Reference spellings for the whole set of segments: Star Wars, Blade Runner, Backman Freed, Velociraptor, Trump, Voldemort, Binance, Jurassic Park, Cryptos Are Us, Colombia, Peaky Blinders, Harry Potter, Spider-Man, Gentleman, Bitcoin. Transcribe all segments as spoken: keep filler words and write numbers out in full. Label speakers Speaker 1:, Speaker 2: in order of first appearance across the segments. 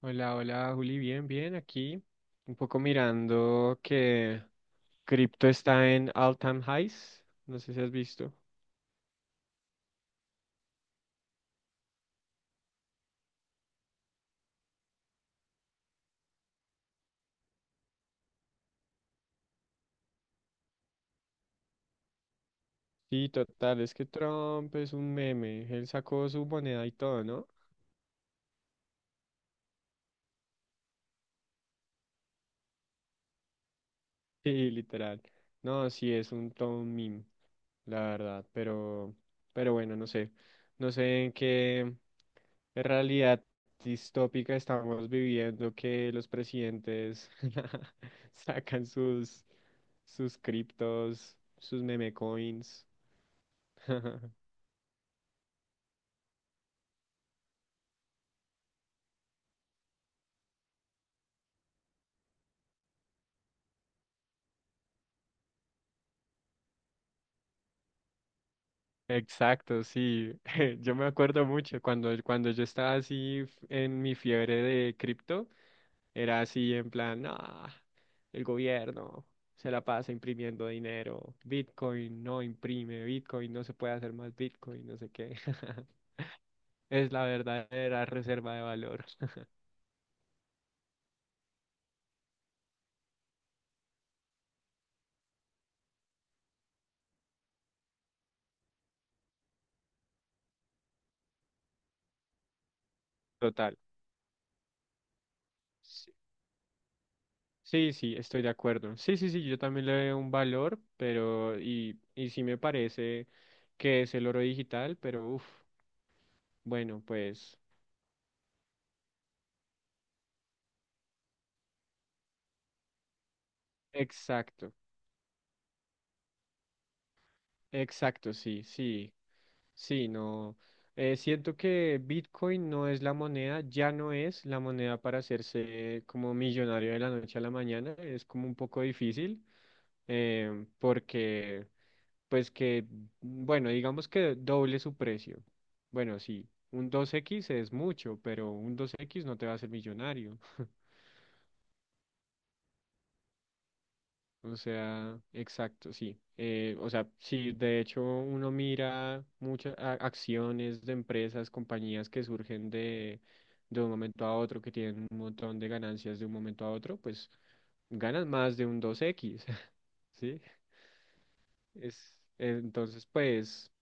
Speaker 1: Hola, hola, Juli, bien, bien, aquí un poco mirando que cripto está en all-time highs, no sé si has visto. Sí, total, es que Trump es un meme, él sacó su moneda y todo, ¿no? Sí, literal. No, sí, es un todo un meme, la verdad, pero, pero bueno, no sé. No sé en qué realidad distópica estamos viviendo que los presidentes sacan sus, sus criptos, sus meme coins. Exacto, sí. Yo me acuerdo mucho cuando, cuando yo estaba así f- en mi fiebre de cripto. Era así en plan, "Ah, el gobierno se la pasa imprimiendo dinero, Bitcoin no imprime, Bitcoin no se puede hacer más Bitcoin, no sé qué. Es la verdadera reserva de valor." Total. Sí, sí, sí, estoy de acuerdo. Sí, sí, sí, yo también le veo un valor, pero y, y sí me parece que es el oro digital, pero uff, bueno, pues exacto, exacto, sí, sí. Sí, no. Eh, siento que Bitcoin no es la moneda, ya no es la moneda para hacerse como millonario de la noche a la mañana. Es como un poco difícil eh, porque, pues que, bueno, digamos que doble su precio. Bueno, sí, un dos x es mucho, pero un dos x no te va a hacer millonario. O sea, exacto, sí. Eh, o sea, sí, de hecho uno mira muchas a- acciones de empresas, compañías que surgen de, de un momento a otro, que tienen un montón de ganancias de un momento a otro, pues ganan más de un dos x ¿sí? Es, entonces, pues,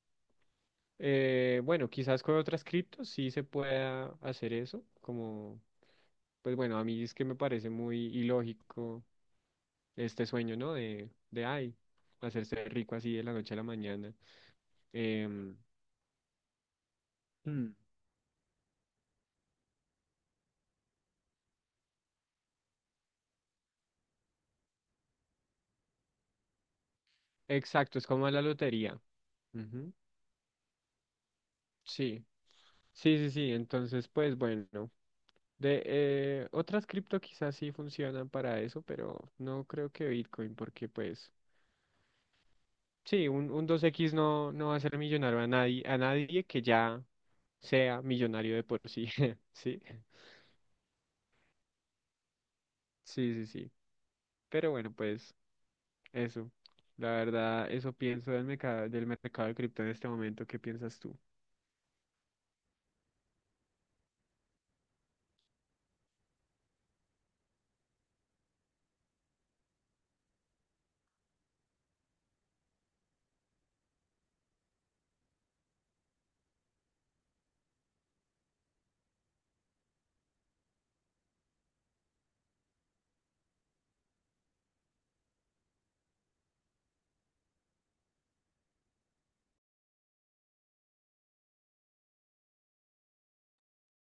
Speaker 1: eh, bueno, quizás con otras criptos sí se pueda hacer eso, como, pues bueno, a mí es que me parece muy ilógico este sueño, ¿no? De, de ay, hacerse rico así de la noche a la mañana. Em, mm, exacto, es como la lotería. Ujú, sí, sí, sí, sí. Entonces, pues bueno, de eh, otras cripto quizás sí funcionan para eso, pero no creo que Bitcoin, porque pues sí, un, un dos x no, no va a hacer millonario a nadie, a nadie que ya sea millonario de por sí, sí. Sí, sí, sí. Pero bueno, pues. Eso, la verdad, eso pienso del mercado, del mercado de cripto en este momento. ¿Qué piensas tú?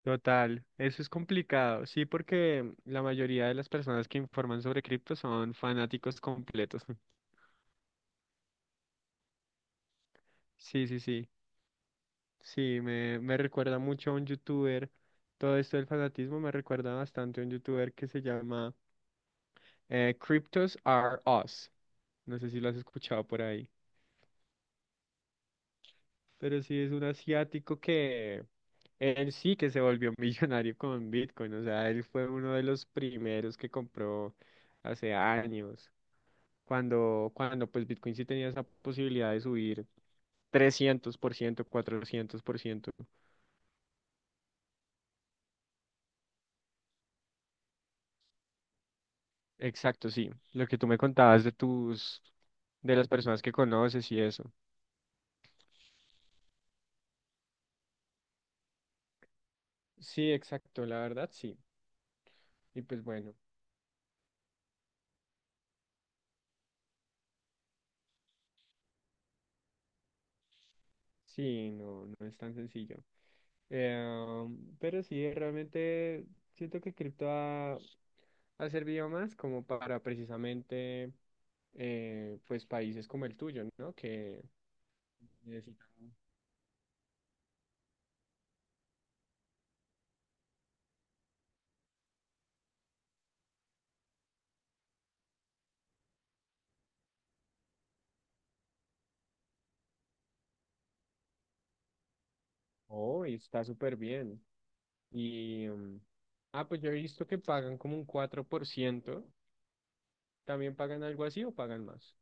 Speaker 1: Total, eso es complicado. Sí, porque la mayoría de las personas que informan sobre cripto son fanáticos completos. Sí, sí, sí. Sí, me, me recuerda mucho a un youtuber. Todo esto del fanatismo me recuerda bastante a un youtuber que se llama eh, Cryptos Are Us. No sé si lo has escuchado por ahí. Pero sí es un asiático que él sí que se volvió millonario con Bitcoin. O sea, él fue uno de los primeros que compró hace años. Cuando, cuando pues Bitcoin sí tenía esa posibilidad de subir trescientos por ciento cuatrocientos por ciento. Exacto, sí. Lo que tú me contabas de tus, de las personas que conoces y eso. Sí, exacto, la verdad, sí. Y pues bueno, sí, no, no es tan sencillo. Eh, pero sí, realmente siento que cripto ha, ha servido más como para precisamente eh, pues países como el tuyo, ¿no? Que necesitan... Oh, y está súper bien. Y... mm, Ah, pues yo he visto que pagan como un cuatro por ciento. ¿También pagan algo así o pagan más?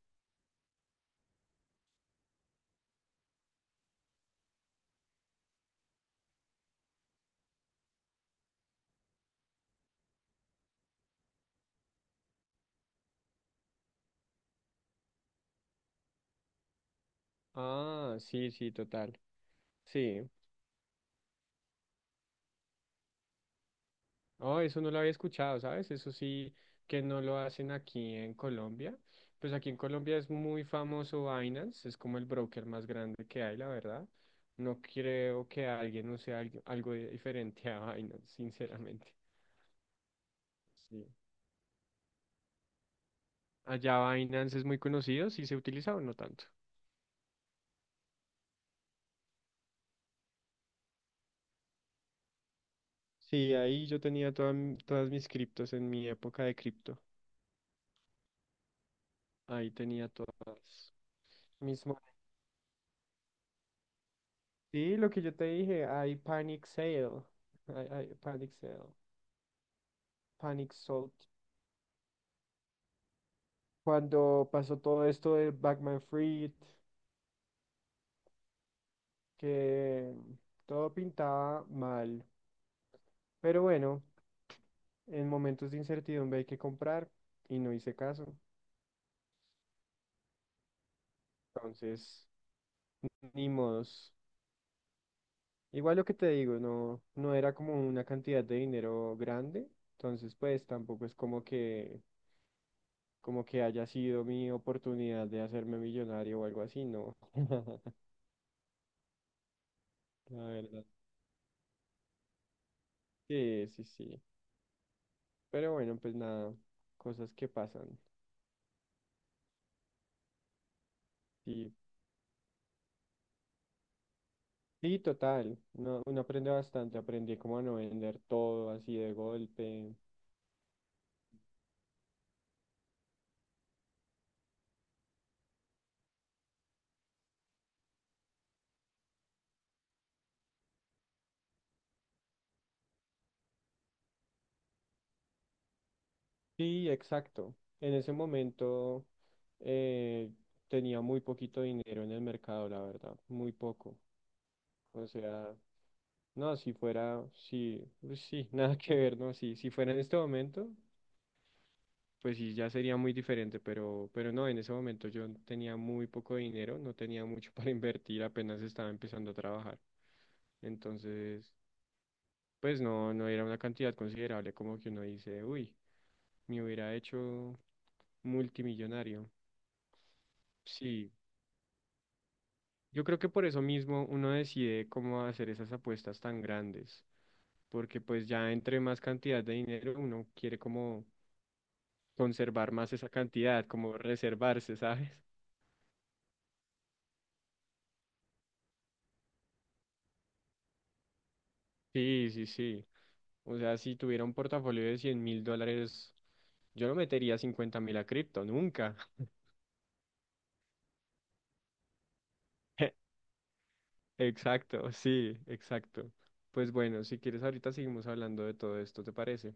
Speaker 1: Ah, sí, sí, total. Sí. Oh, eso no lo había escuchado, ¿sabes? Eso sí que no lo hacen aquí en Colombia. Pues aquí en Colombia es muy famoso Binance, es como el broker más grande que hay, la verdad. No creo que alguien use algo, algo diferente a Binance, sinceramente. Sí. Allá Binance es muy conocido, sí se utiliza o no tanto. Sí, ahí yo tenía toda mi- todas mis criptos en mi época de cripto. Ahí tenía todas mis monedas. Sí, lo que yo te dije, hay panic sale. Hay, hay panic sale. Panic salt. Cuando pasó todo esto de Backman Freed, que todo pintaba mal. Pero bueno, en momentos de incertidumbre hay que comprar y no hice caso. Entonces, ni modos. Igual lo que te digo, no, no era como una cantidad de dinero grande. Entonces, pues tampoco es como que, como que haya sido mi oportunidad de hacerme millonario o algo así, no. La verdad. Sí, sí, sí. Pero bueno, pues nada, cosas que pasan. Sí, sí, total. Uno, uno aprende bastante. Aprendí como a no vender todo así de golpe. Sí, exacto. En ese momento eh, tenía muy poquito dinero en el mercado, la verdad. Muy poco. O sea, no, si fuera, sí, sí, nada que ver, no, sí, si fuera en este momento. Pues sí, ya sería muy diferente, pero, pero no, en ese momento yo tenía muy poco dinero, no tenía mucho para invertir, apenas estaba empezando a trabajar. Entonces, pues no, no era una cantidad considerable como que uno dice, uy, me hubiera hecho multimillonario. Sí, yo creo que por eso mismo uno decide cómo hacer esas apuestas tan grandes, porque pues ya entre más cantidad de dinero uno quiere como conservar más esa cantidad, como reservarse, ¿sabes? Sí, sí, sí. O sea, si tuviera un portafolio de cien mil dólares, yo no metería cincuenta mil a cripto, nunca. Exacto, sí, exacto. Pues bueno, si quieres ahorita seguimos hablando de todo esto, ¿te parece?